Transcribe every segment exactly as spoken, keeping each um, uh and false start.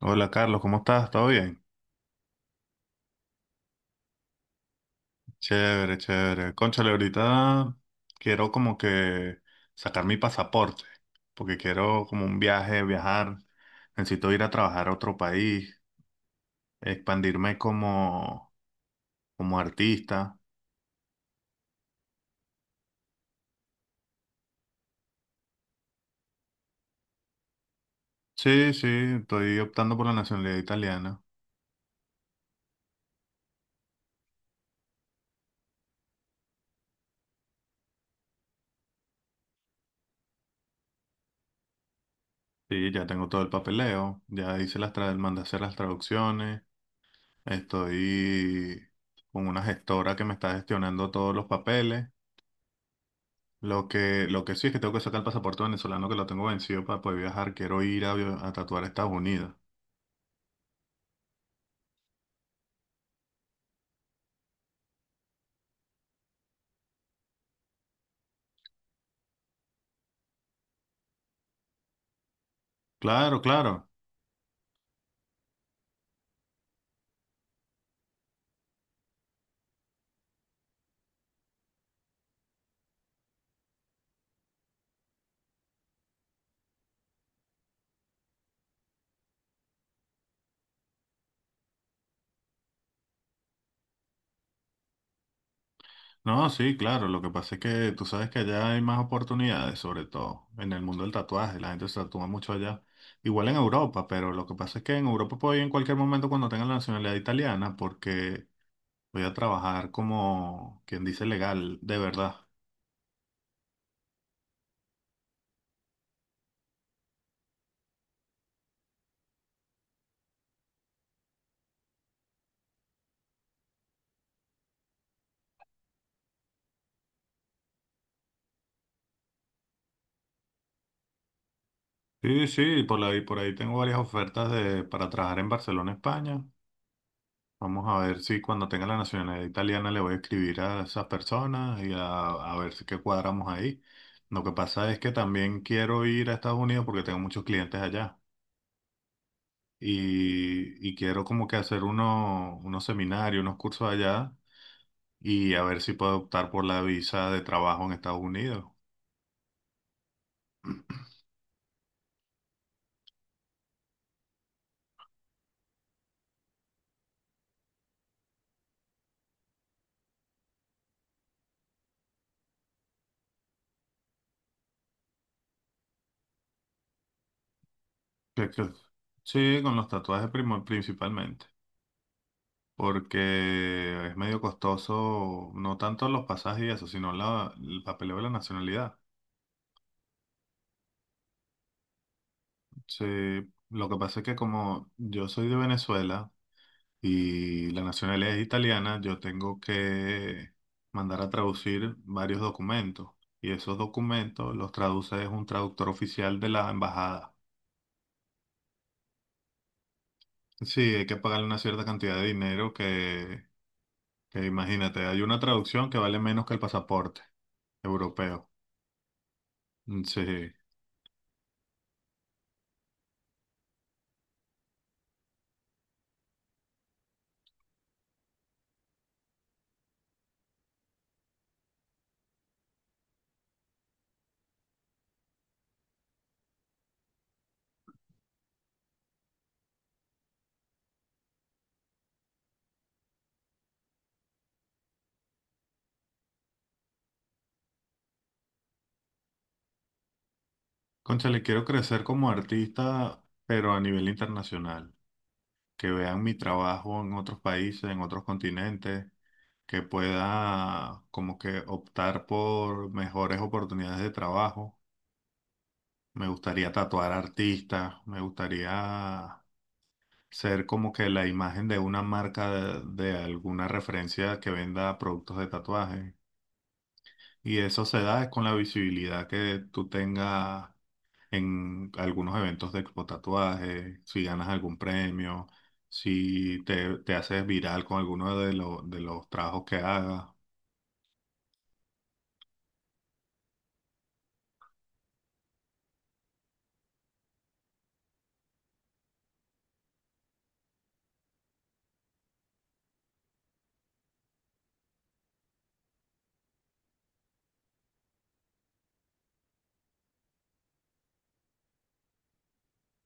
Hola Carlos, ¿cómo estás? ¿Todo bien? Chévere, chévere. Cónchale, ahorita quiero como que sacar mi pasaporte, porque quiero como un viaje, viajar. Necesito ir a trabajar a otro país, expandirme como, como artista. Sí, sí, estoy optando por la nacionalidad italiana. Sí, ya tengo todo el papeleo, ya hice las tra- mandé a hacer las traducciones, estoy con una gestora que me está gestionando todos los papeles. Lo que, lo que sí es que tengo que sacar el pasaporte venezolano que lo tengo vencido para poder viajar. Quiero ir a, vi- a tatuar a Estados Unidos. Claro, claro. No, sí, claro. Lo que pasa es que tú sabes que allá hay más oportunidades, sobre todo en el mundo del tatuaje. La gente se tatúa mucho allá. Igual en Europa, pero lo que pasa es que en Europa puedo ir en cualquier momento cuando tenga la nacionalidad italiana porque voy a trabajar como quien dice legal, de verdad. Sí, sí, por ahí, por ahí tengo varias ofertas de, para trabajar en Barcelona, España. Vamos a ver si cuando tenga la nacionalidad italiana le voy a escribir a esas personas y a, a ver si qué cuadramos ahí. Lo que pasa es que también quiero ir a Estados Unidos porque tengo muchos clientes allá y, y quiero como que hacer uno- unos seminarios, unos cursos allá y a ver si puedo optar por la visa de trabajo en Estados Unidos. Que- que- Sí, con los tatuajes primo- principalmente, porque es medio costoso, no tanto los pasajes y eso, sino la, el papeleo de la nacionalidad. Sí, lo que pasa es que como yo soy de Venezuela y la nacionalidad es italiana, yo tengo que mandar a traducir varios documentos y esos documentos los traduce es un traductor oficial de la embajada. Sí, hay que pagarle una cierta cantidad de dinero que, que imagínate, hay una traducción que vale menos que el pasaporte europeo. Mm, sí. Concha, le quiero crecer como artista, pero a nivel internacional. Que vean mi trabajo en otros países, en otros continentes, que pueda como que optar por mejores oportunidades de trabajo. Me gustaría tatuar artistas, me gustaría ser como que la imagen de una marca de, de alguna referencia que venda productos de tatuaje. Y eso se da con la visibilidad que tú tengas en algunos eventos de expo tatuaje, si ganas algún premio, si te, te haces viral con alguno de, lo- de los trabajos que hagas.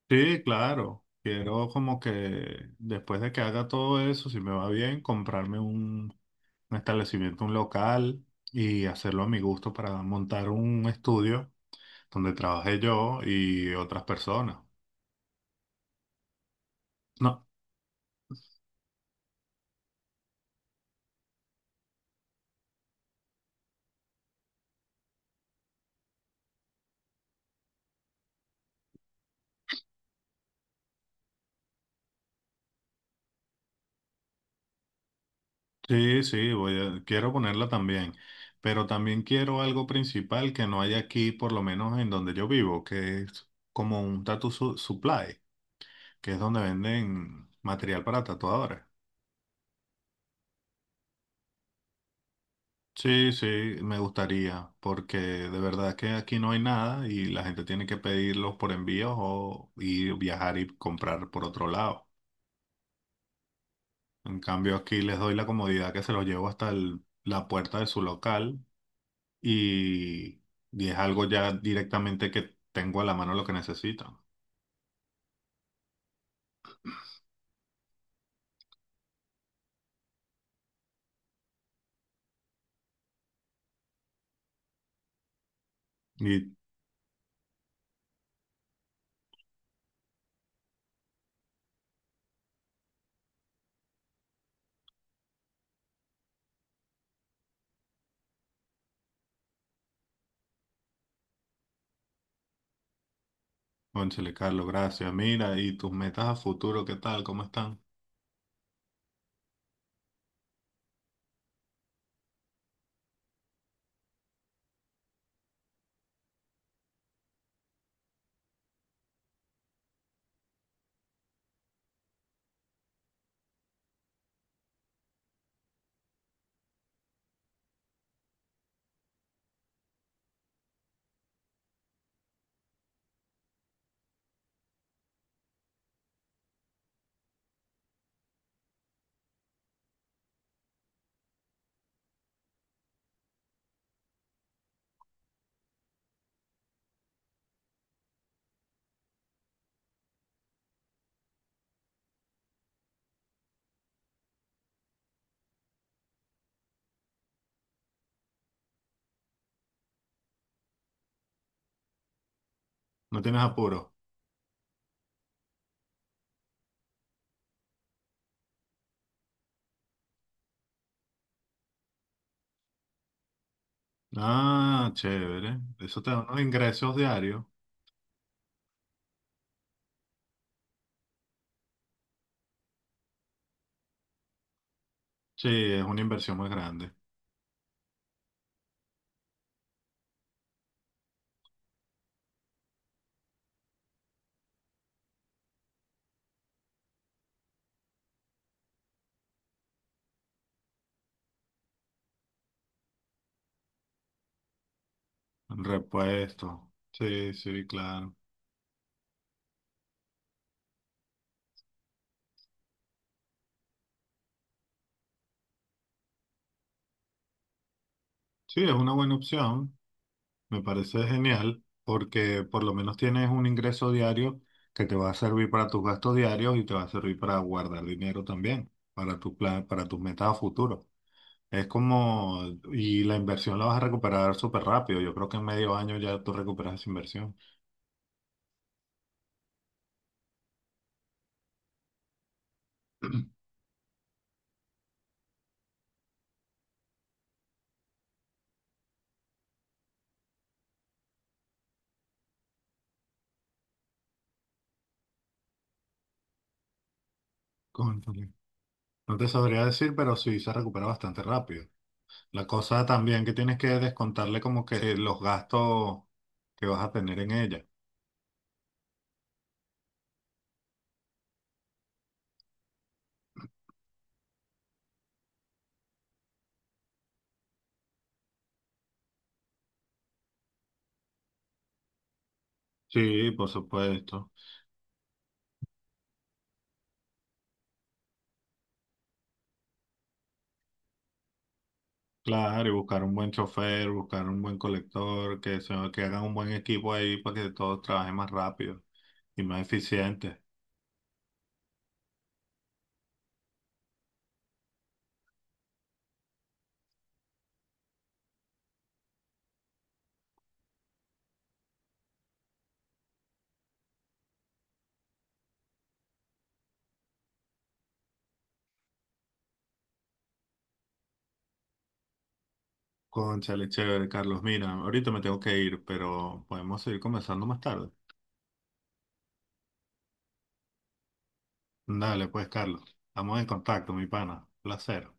Sí, claro. Quiero como que después de que haga todo eso, si me va bien, comprarme un, un establecimiento, un local y hacerlo a mi gusto para montar un estudio donde trabaje yo y otras personas. No, sí, sí, voy a, quiero ponerla también, pero también quiero algo principal que no hay aquí, por lo menos en donde yo vivo, que es como un tattoo su- supply, que es donde venden material para tatuadores. Sí, sí, me gustaría, porque de verdad que aquí no hay nada y la gente tiene que pedirlos por envíos o ir viajar y comprar por otro lado. En cambio, aquí les doy la comodidad que se los llevo hasta el- la puerta de su local y, y es algo ya directamente que tengo a la mano lo que necesito. Y cónchale, Carlos, gracias. Mira, y tus metas a futuro, ¿qué tal? ¿Cómo están? ¿No tienes apuro? Ah, chévere. Eso te da unos ingresos diarios. Sí, es una inversión muy grande. Repuesto. Sí, sí, claro. Sí, es una buena opción. Me parece genial porque por lo menos tienes un ingreso diario que te va a servir para tus gastos diarios y te va a servir para guardar dinero también, para tus plan, para tus metas a futuro. Es como, y la inversión la vas a recuperar súper rápido. Yo creo que en medio año ya tú recuperas esa inversión. Cónchale, no te sabría decir, pero sí se recupera bastante rápido. La cosa también que tienes que descontarle como que los gastos que vas a tener en ella. Sí, por supuesto. Claro, y buscar un buen chofer, buscar un buen colector, que, se, que hagan un buen equipo ahí para que todos trabajen más rápido y más eficiente. Cónchale, chévere, Carlos. Mira, ahorita me tengo que ir, pero podemos seguir conversando más tarde. Dale, pues, Carlos. Estamos en contacto, mi pana. Placer.